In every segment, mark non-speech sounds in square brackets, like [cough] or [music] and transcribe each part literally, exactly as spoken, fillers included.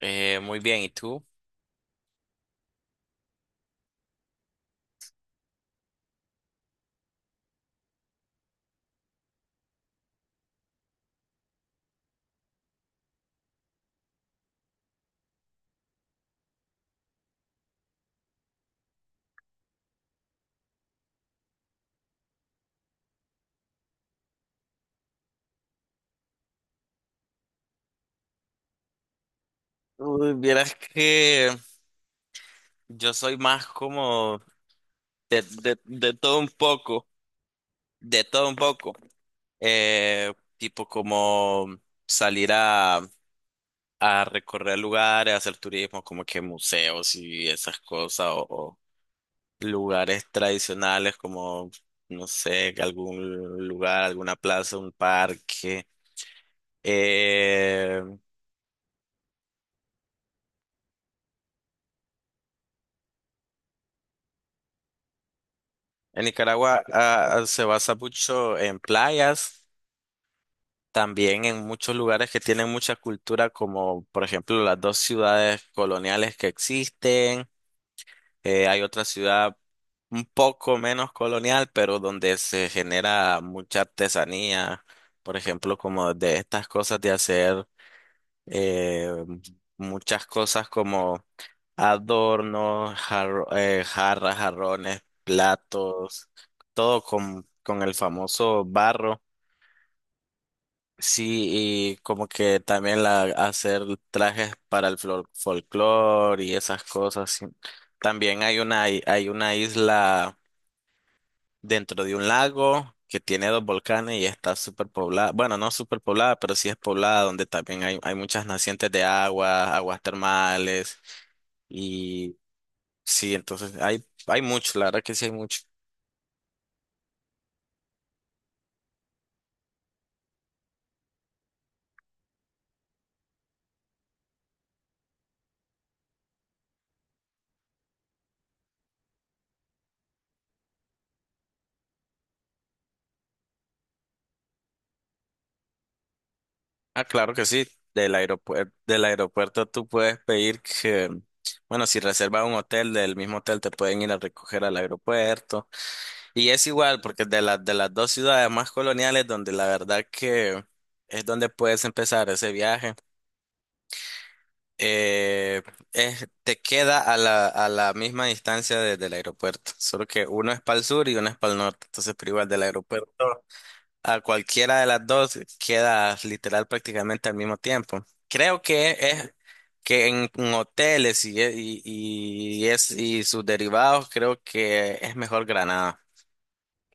Eh, muy bien, ¿y tú? Uy, vieras que yo soy más como de, de, de todo un poco, de todo un poco. Eh, tipo como salir a, a recorrer lugares, hacer turismo, como que museos y esas cosas, o, o lugares tradicionales como, no sé, algún lugar, alguna plaza, un parque. Eh, En Nicaragua ah, ah, se basa mucho en playas, también en muchos lugares que tienen mucha cultura, como por ejemplo las dos ciudades coloniales que existen. Eh, hay otra ciudad un poco menos colonial, pero donde se genera mucha artesanía, por ejemplo, como de estas cosas de hacer eh, muchas cosas como adornos, jarro- eh, jarras, jarrones, platos, todo con, con el famoso barro. Sí, y como que también la, hacer trajes para el folclore y esas cosas. Sí. También hay una, hay una isla dentro de un lago que tiene dos volcanes y está súper poblada. Bueno, no súper poblada, pero sí es poblada, donde también hay, hay muchas nacientes de agua, aguas termales. Sí, entonces hay, hay mucho, la verdad que sí hay mucho. Ah, claro que sí. Del aeropuerto, del aeropuerto tú puedes pedir que, bueno, si reservas un hotel, del mismo hotel te pueden ir a recoger al aeropuerto. Y es igual, porque de las de las dos ciudades más coloniales, donde la verdad que es donde puedes empezar ese viaje, eh, es- te queda a la, a la misma distancia desde el aeropuerto. Solo que uno es para el sur y uno es para el norte. Entonces, pero igual del aeropuerto, a cualquiera de las dos queda literal prácticamente al mismo tiempo. Creo que es que en, en hoteles y, e, y, y es, y sus derivados, creo que es mejor Granada,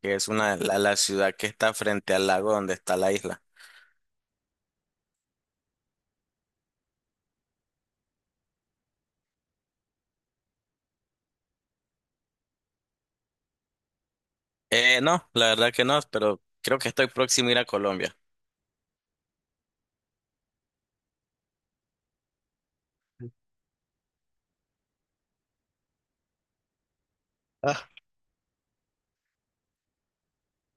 que es una la, la ciudad que está frente al lago donde está la isla. Eh, no, la verdad que no, pero creo que estoy próximo a ir a Colombia. Ah,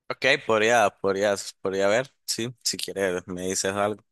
ok, podría, podría, podría ver, sí, si quieres me dices algo.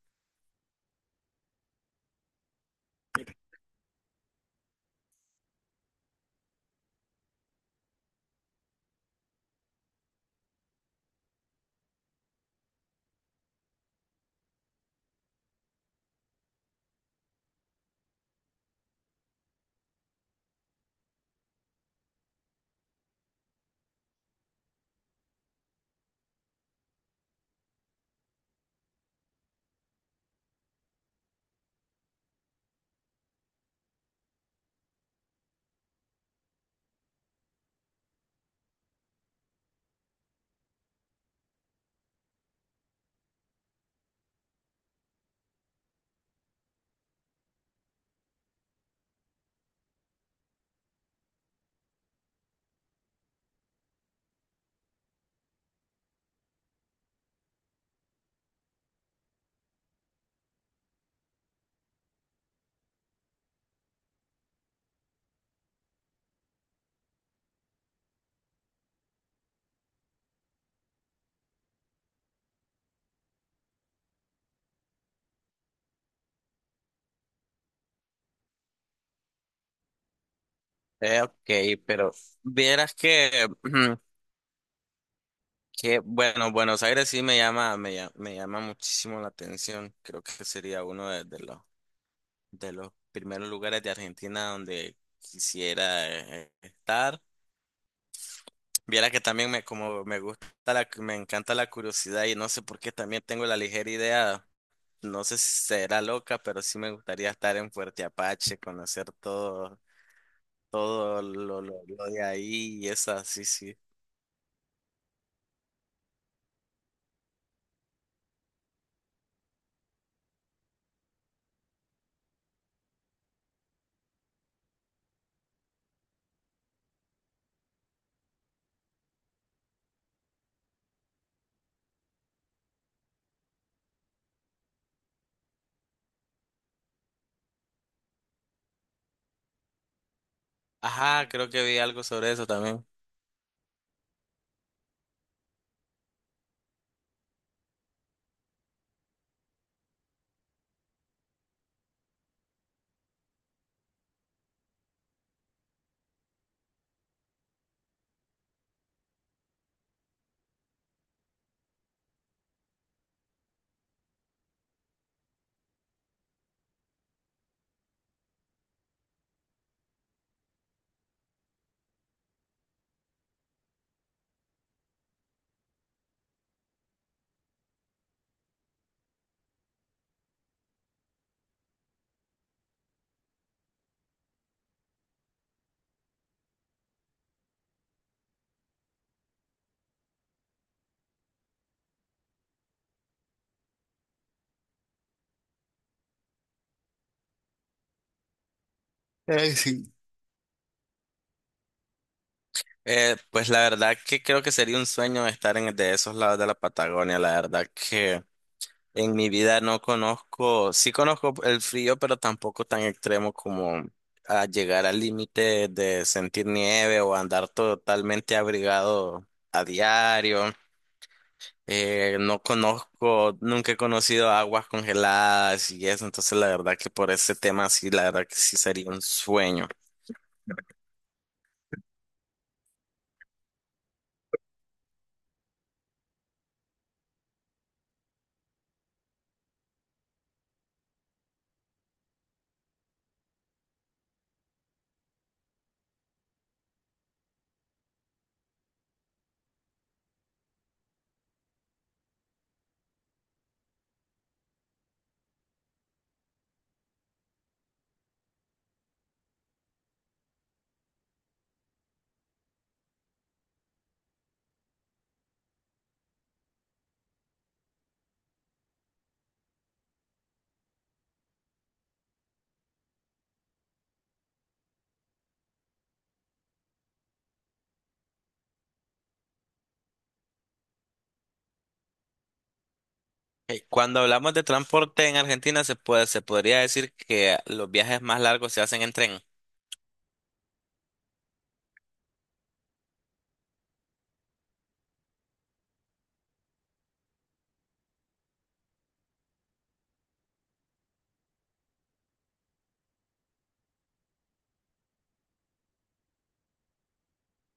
Eh, ok, pero vieras que [clears throat] que bueno, Buenos Aires sí me llama, me llama, me llama muchísimo la atención. Creo que sería uno de, de los de los primeros lugares de Argentina donde quisiera eh, estar. Viera que también me como me gusta la, me encanta la curiosidad y no sé por qué también tengo la ligera idea, no sé si será loca, pero sí me gustaría estar en Fuerte Apache, conocer todo, todo lo, lo, lo de ahí y esa, sí, sí. Ajá, creo que vi algo sobre eso también. Eh, sí. Eh, pues la verdad que creo que sería un sueño estar en de esos lados de la Patagonia. La verdad que en mi vida no conozco, sí conozco el frío, pero tampoco tan extremo como a llegar al límite de sentir nieve o andar totalmente abrigado a diario. Eh, no conozco, nunca he conocido aguas congeladas y eso, entonces la verdad que por ese tema sí, la verdad que sí sería un sueño. Eh, Cuando hablamos de transporte en Argentina, se puede, se podría decir que los viajes más largos se hacen en tren,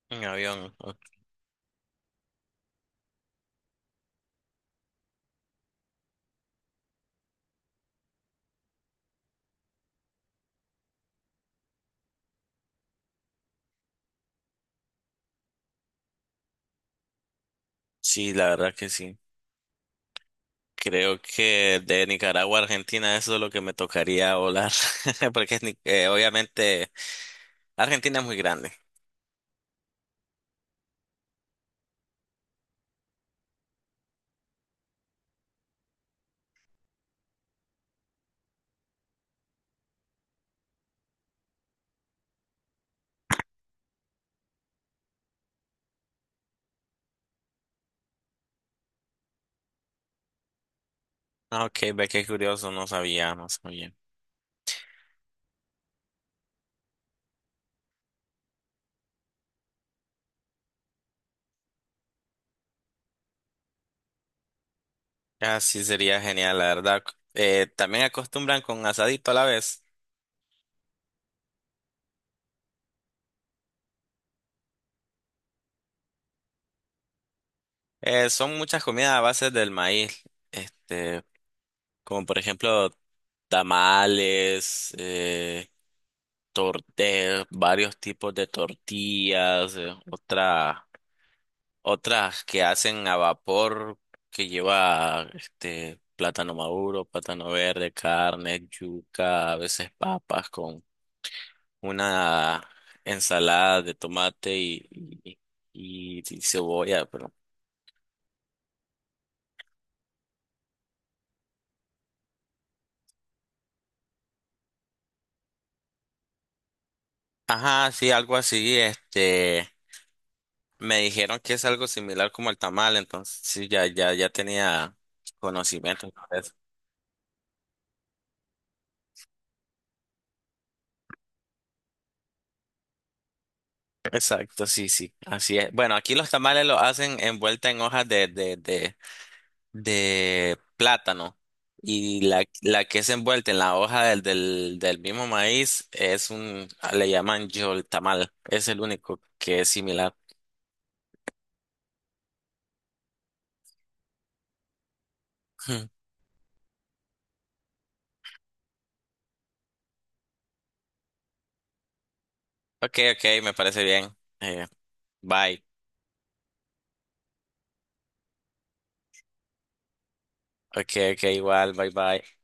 en avión. o- Sí, la verdad que sí. Creo que de Nicaragua a Argentina eso es lo que me tocaría volar, [laughs] porque es ni- eh, obviamente Argentina es muy grande. Ah, ok, ve qué curioso, no sabía, no sabía. Ah, sí, sería genial, la verdad. Eh, también acostumbran con asadito a la vez. Eh, son muchas comidas a base del maíz. Este, como por ejemplo tamales, eh, torte- varios tipos de tortillas, eh, otra, otras que hacen a vapor que lleva este plátano maduro, plátano verde, carne, yuca, a veces papas con una ensalada de tomate y, y, y- y cebolla, pero ajá, sí, algo así, este me dijeron que es algo similar como el tamal, entonces sí, ya, ya, ya tenía conocimiento sobre eso. Exacto, sí, sí, así es. Bueno, aquí los tamales lo hacen envuelta en hojas de, de, de, de plátano y la, la que es envuelta en la hoja del, del, del mismo maíz es un, le llaman yol tamal, es el único que es similar. [laughs] Hmm. Ok, ok, me parece bien. Eh, bye. Ok, ok, igual, bye, bye.